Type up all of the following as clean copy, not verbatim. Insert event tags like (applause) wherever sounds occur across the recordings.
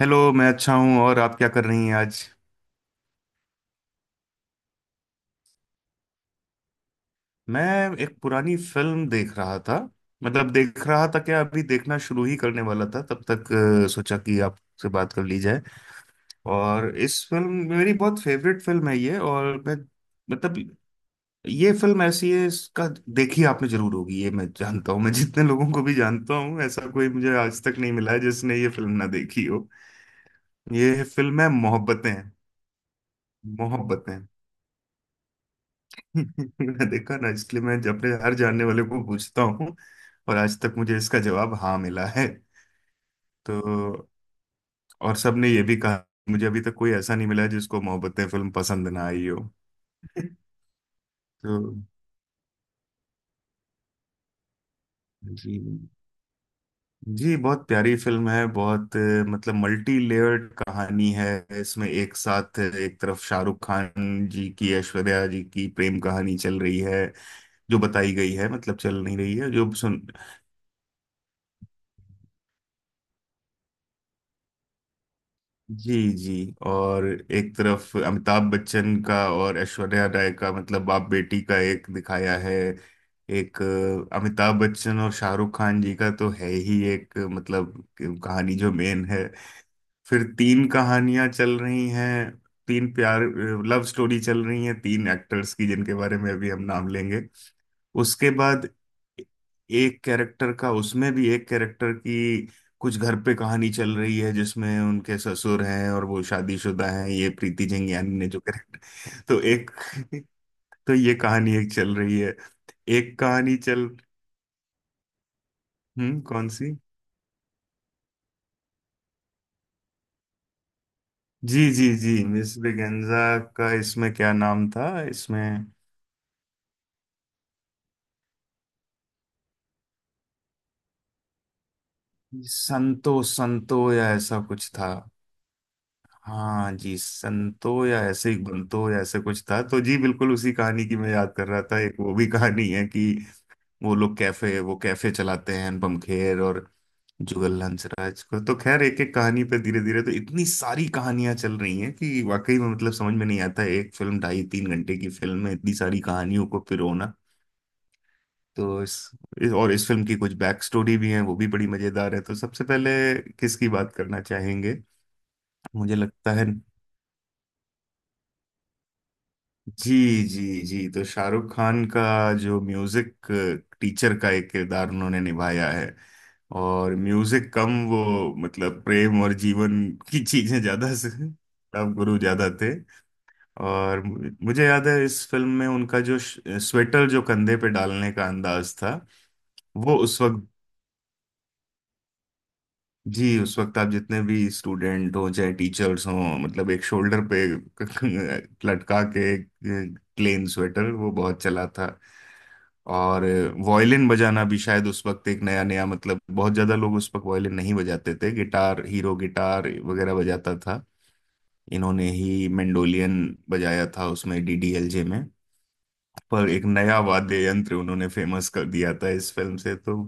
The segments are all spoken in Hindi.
हेलो, मैं अच्छा हूँ। और आप क्या कर रही हैं आज। मैं एक पुरानी फिल्म देख रहा था। मतलब देख रहा था क्या, अभी देखना शुरू ही करने वाला था तब तक सोचा कि आपसे बात कर ली जाए। और इस फिल्म, मेरी बहुत फेवरेट फिल्म है ये। और मैं मतलब ये फिल्म ऐसी है, इसका देखी आपने जरूर होगी ये, मैं जानता हूँ। मैं जितने लोगों को भी जानता हूँ, ऐसा कोई मुझे आज तक नहीं मिला है जिसने ये फिल्म ना देखी हो। ये फिल्म है मोहब्बतें। मोहब्बतें। (laughs) देखा ना, इसलिए मैं अपने हर जानने वाले को पूछता हूँ। और आज तक मुझे इसका जवाब हाँ मिला है। तो और सबने ये भी कहा, मुझे अभी तक कोई ऐसा नहीं मिला है जिसको मोहब्बतें फिल्म पसंद ना आई हो। (laughs) तो जी, जी, बहुत प्यारी फिल्म है। बहुत मतलब मल्टी लेयर्ड कहानी है। इसमें एक साथ एक तरफ शाहरुख खान जी की, ऐश्वर्या जी की प्रेम कहानी चल रही है। जो बताई गई है, मतलब चल नहीं रही है, जो सुन, जी जी। और एक तरफ अमिताभ बच्चन का और ऐश्वर्या राय का, मतलब बाप बेटी का एक दिखाया है। एक अमिताभ बच्चन और शाहरुख खान जी का तो है ही, एक मतलब कहानी जो मेन है। फिर तीन कहानियां चल रही हैं। तीन प्यार, लव स्टोरी चल रही हैं, तीन एक्टर्स की, जिनके बारे में अभी हम नाम लेंगे। उसके बाद एक कैरेक्टर का, उसमें भी एक कैरेक्टर की कुछ घर पे कहानी चल रही है, जिसमें उनके ससुर हैं और वो शादीशुदा हैं, ये प्रीति जिंगियानी ने जो कैरेक्टर। तो एक (laughs) तो ये कहानी एक चल रही है। एक कहानी चल, कौन सी, जी जी जी मिस ब्रिगेंजा का इसमें क्या नाम था, इसमें संतो संतो या ऐसा कुछ था। हाँ जी, संतो या ऐसे ही, बंतो या ऐसे कुछ था। तो जी बिल्कुल, उसी कहानी की मैं याद कर रहा था। एक वो भी कहानी है कि वो लोग कैफे, वो कैफे चलाते हैं अनुपम खेर और जुगल हंसराज को। तो खैर, एक एक कहानी पे धीरे धीरे, तो इतनी सारी कहानियां चल रही हैं कि वाकई में, मतलब समझ में नहीं आता है, एक फिल्म ढाई तीन घंटे की फिल्म में इतनी सारी कहानियों को पिरोना। तो इस और इस फिल्म की कुछ बैक स्टोरी भी है, वो भी बड़ी मजेदार है। तो सबसे पहले किसकी बात करना चाहेंगे, मुझे लगता है। जी जी जी, तो शाहरुख खान का जो म्यूजिक टीचर का एक किरदार उन्होंने निभाया है। और म्यूजिक कम वो, मतलब प्रेम और जीवन की चीजें ज्यादा से (laughs) तब गुरु ज्यादा थे। और मुझे याद है इस फिल्म में उनका जो स्वेटर जो कंधे पे डालने का अंदाज था, वो उस वक्त, जी उस वक्त आप जितने भी स्टूडेंट हो, चाहे टीचर्स हों, मतलब एक शोल्डर पे (laughs) लटका के प्लेन स्वेटर वो बहुत चला था। और वायलिन बजाना भी शायद उस वक्त एक नया नया, मतलब बहुत ज्यादा लोग उस वक्त वायलिन नहीं बजाते थे। गिटार हीरो गिटार वगैरह बजाता था। इन्होंने ही मेंडोलियन बजाया था उसमें, डीडीएलजे में। पर एक नया वाद्य यंत्र उन्होंने फेमस कर दिया था इस फिल्म से। तो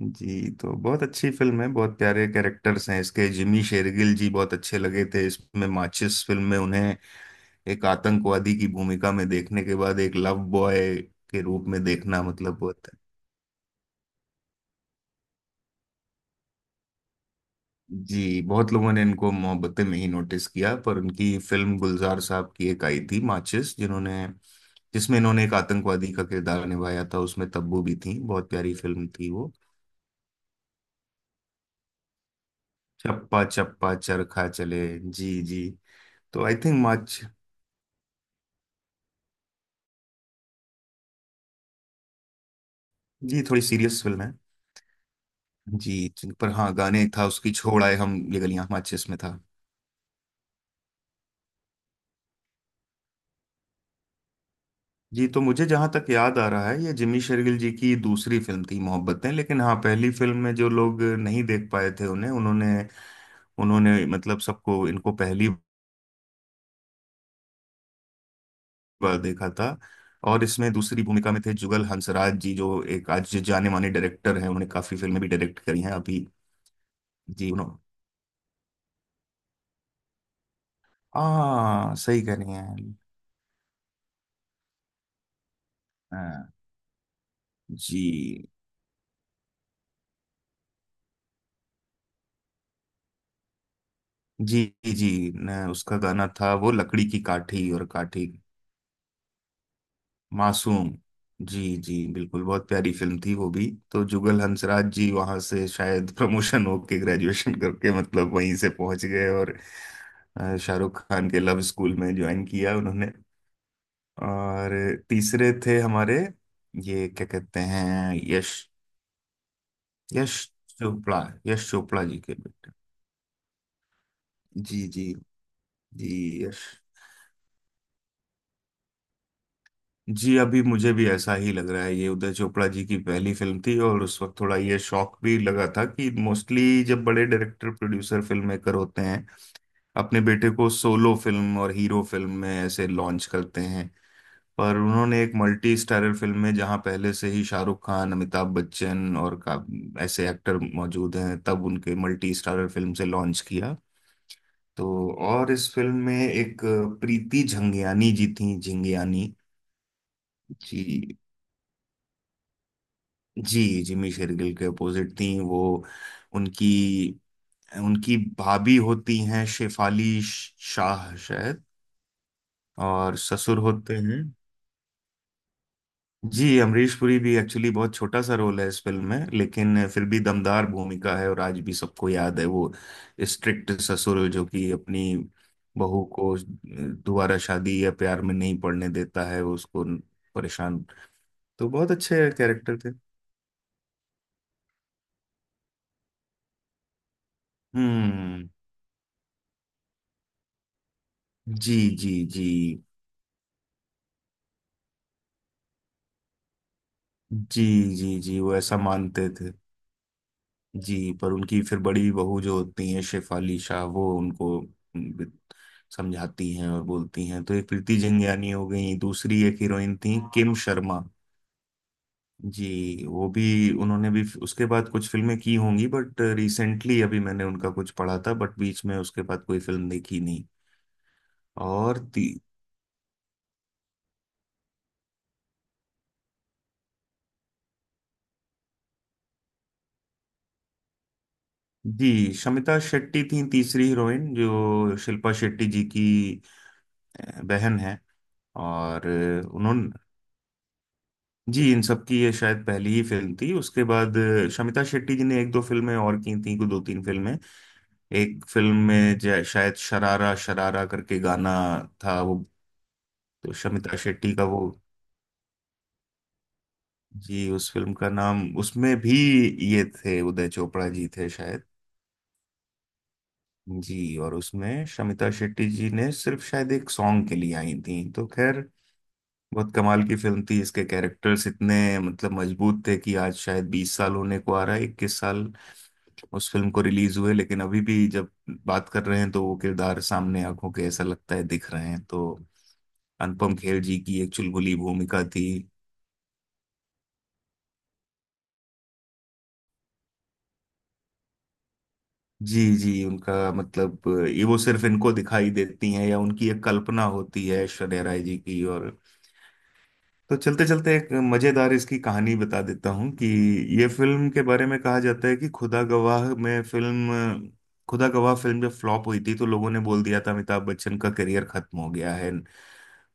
जी, तो बहुत अच्छी फिल्म है। बहुत प्यारे कैरेक्टर्स हैं इसके। जिमी शेरगिल जी बहुत अच्छे लगे थे इसमें। माचिस फिल्म में उन्हें एक आतंकवादी की भूमिका में देखने के बाद एक लव बॉय के रूप में देखना, मतलब बहुत। जी बहुत लोगों ने इनको मोहब्बतें में ही नोटिस किया, पर उनकी फिल्म गुलजार साहब की एक आई थी माचिस, जिन्होंने, जिसमें इन्होंने एक आतंकवादी का किरदार निभाया था, उसमें तब्बू भी थी। बहुत प्यारी फिल्म थी वो। चप्पा चप्पा चरखा चले। जी जी। तो आई थिंक माच जी थोड़ी सीरियस फिल्म है। जी, जी, पर हाँ गाने, एक था उसकी, छोड़ आए हम ये गलियां, माचिस में था। जी तो मुझे जहां तक याद आ रहा है, ये जिमी शेरगिल जी की दूसरी फिल्म थी मोहब्बतें। लेकिन हाँ, पहली फिल्म में जो लोग नहीं देख पाए थे उन्हें, उन्होंने उन्होंने मतलब सबको इनको पहली बार देखा था। और इसमें दूसरी भूमिका में थे जुगल हंसराज जी, जो एक आज जाने माने डायरेक्टर हैं। उन्होंने काफी फिल्में भी डायरेक्ट करी हैं अभी। जी उन्होंने, हाँ सही कह रही हैं। हाँ, जी जी जी, न, उसका गाना था वो, लकड़ी की काठी और काठी, मासूम। जी जी बिल्कुल, बहुत प्यारी फिल्म थी वो भी। तो जुगल हंसराज जी वहां से शायद प्रमोशन होके, ग्रेजुएशन करके, मतलब वहीं से पहुंच गए और शाहरुख खान के लव स्कूल में ज्वाइन किया उन्होंने। और तीसरे थे हमारे, ये क्या कहते हैं, यश, यश चोपड़ा, यश चोपड़ा जी के बेटे, जी जी जी। यश, जी अभी मुझे भी ऐसा ही लग रहा है ये उदय चोपड़ा जी की पहली फिल्म थी। और उस वक्त थोड़ा ये शौक भी लगा था कि मोस्टली जब बड़े डायरेक्टर, प्रोड्यूसर, फिल्म मेकर होते हैं, अपने बेटे को सोलो फिल्म और हीरो फिल्म में ऐसे लॉन्च करते हैं। पर उन्होंने एक मल्टी स्टारर फिल्म में, जहां पहले से ही शाहरुख खान, अमिताभ बच्चन और का ऐसे एक्टर मौजूद हैं, तब उनके मल्टी स्टारर फिल्म से लॉन्च किया। तो और इस फिल्म में एक प्रीति झंगियानी जी थी, झिंगियानी, जी जी, जिमी शेरगिल के अपोजिट थी वो। उनकी, उनकी भाभी होती हैं शेफाली शाह शायद। और ससुर होते हैं, जी अमरीश पुरी भी एक्चुअली बहुत छोटा सा रोल है इस फिल्म में, लेकिन फिर भी दमदार भूमिका है और आज भी सबको याद है वो स्ट्रिक्ट ससुर जो कि अपनी बहू को दोबारा शादी या प्यार में नहीं पड़ने देता है। वो उसको परेशान, तो बहुत अच्छे कैरेक्टर थे। हम्म, जी जी जी जी जी जी, वो ऐसा मानते थे। जी पर उनकी फिर बड़ी बहू जो होती हैं शेफाली शाह, वो उनको समझाती हैं और बोलती हैं। तो एक प्रीति जिंगियानी हो गई, दूसरी एक हीरोइन थी किम शर्मा। जी वो भी, उन्होंने भी उसके बाद कुछ फिल्में की होंगी बट रिसेंटली अभी मैंने उनका कुछ पढ़ा था, बट बीच में उसके बाद कोई फिल्म देखी नहीं। और जी शमिता शेट्टी थी तीसरी हीरोइन, जो शिल्पा शेट्टी जी की बहन है। और उन्होंने, जी इन सब की ये शायद पहली ही फिल्म थी। उसके बाद शमिता शेट्टी जी ने एक दो फिल्में और की थी, कुछ दो तीन फिल्में। एक फिल्म में शायद शरारा शरारा करके गाना था वो। तो शमिता शेट्टी का वो, जी उस फिल्म का नाम, उसमें भी ये थे उदय चोपड़ा जी थे शायद। जी, और उसमें शमिता शेट्टी जी ने सिर्फ शायद एक सॉन्ग के लिए आई थी। तो खैर, बहुत कमाल की फिल्म थी। इसके कैरेक्टर्स इतने मतलब मजबूत थे कि आज शायद 20 साल होने को आ रहा है, 21 साल उस फिल्म को रिलीज हुए। लेकिन अभी भी जब बात कर रहे हैं तो वो किरदार सामने आंखों के ऐसा लगता है दिख रहे हैं। तो अनुपम खेर जी की एक चुलबुली भूमिका थी। जी जी उनका मतलब, ये वो सिर्फ इनको दिखाई देती हैं, या उनकी एक कल्पना होती है ऐश्वर्या राय जी की। और तो चलते चलते एक मजेदार इसकी कहानी बता देता हूँ कि ये फिल्म के बारे में कहा जाता है कि खुदा गवाह में फिल्म, खुदा गवाह फिल्म जब फ्लॉप हुई थी तो लोगों ने बोल दिया था अमिताभ बच्चन का करियर खत्म हो गया है।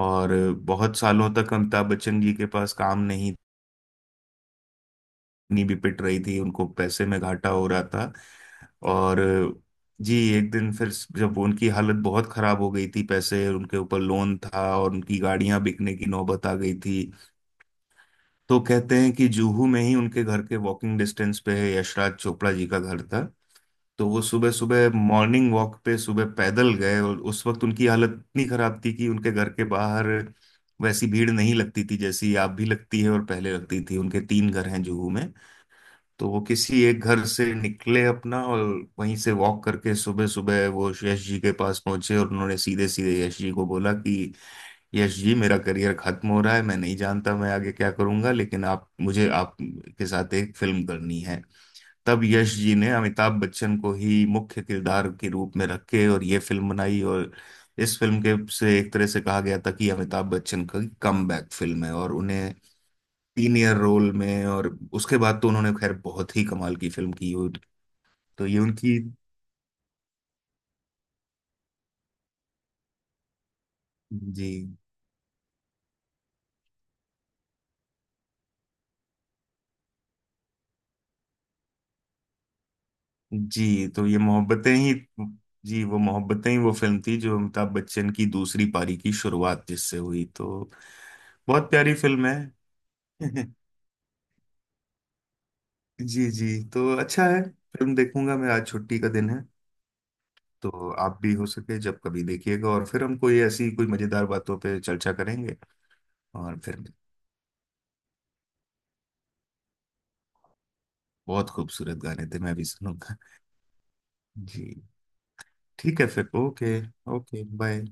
और बहुत सालों तक अमिताभ बच्चन जी के पास काम नहीं, नहीं भी पिट रही थी, उनको पैसे में घाटा हो रहा था। और जी एक दिन फिर, जब उनकी हालत बहुत खराब हो गई थी, पैसे उनके ऊपर लोन था और उनकी गाड़ियां बिकने की नौबत आ गई थी। तो कहते हैं कि जुहू में ही उनके घर के वॉकिंग डिस्टेंस पे है, यशराज चोपड़ा जी का घर था। तो वो सुबह सुबह मॉर्निंग वॉक पे सुबह पैदल गए। और उस वक्त उनकी हालत इतनी खराब थी कि उनके घर के बाहर वैसी भीड़ नहीं लगती थी जैसी आप भी लगती है और पहले लगती थी। उनके तीन घर हैं जुहू में। तो वो किसी एक घर से निकले अपना और वहीं से वॉक करके सुबह सुबह वो यश जी के पास पहुंचे और उन्होंने सीधे सीधे यश जी को बोला कि यश जी, मेरा करियर खत्म हो रहा है, मैं नहीं जानता मैं आगे क्या करूंगा, लेकिन आप मुझे, आप के साथ एक फिल्म करनी है। तब यश जी ने अमिताभ बच्चन को ही मुख्य किरदार के रूप में रख के और ये फिल्म बनाई। और इस फिल्म के से एक तरह से कहा गया था कि अमिताभ बच्चन का कम बैक फिल्म है और उन्हें सीनियर रोल में। और उसके बाद तो उन्होंने खैर बहुत ही कमाल की फिल्म की। और तो ये उनकी, जी जी तो ये मोहब्बतें ही, जी वो मोहब्बतें ही वो फिल्म थी जो अमिताभ बच्चन की दूसरी पारी की शुरुआत जिससे हुई। तो बहुत प्यारी फिल्म है। (laughs) जी जी, तो अच्छा है, फिल्म देखूंगा मैं, आज छुट्टी का दिन है। तो आप भी हो सके जब कभी देखिएगा और फिर हम कोई ऐसी कोई मजेदार बातों पे चर्चा करेंगे। और फिर बहुत खूबसूरत गाने थे, मैं भी सुनूंगा। जी ठीक है, फिर ओके। Okay bye.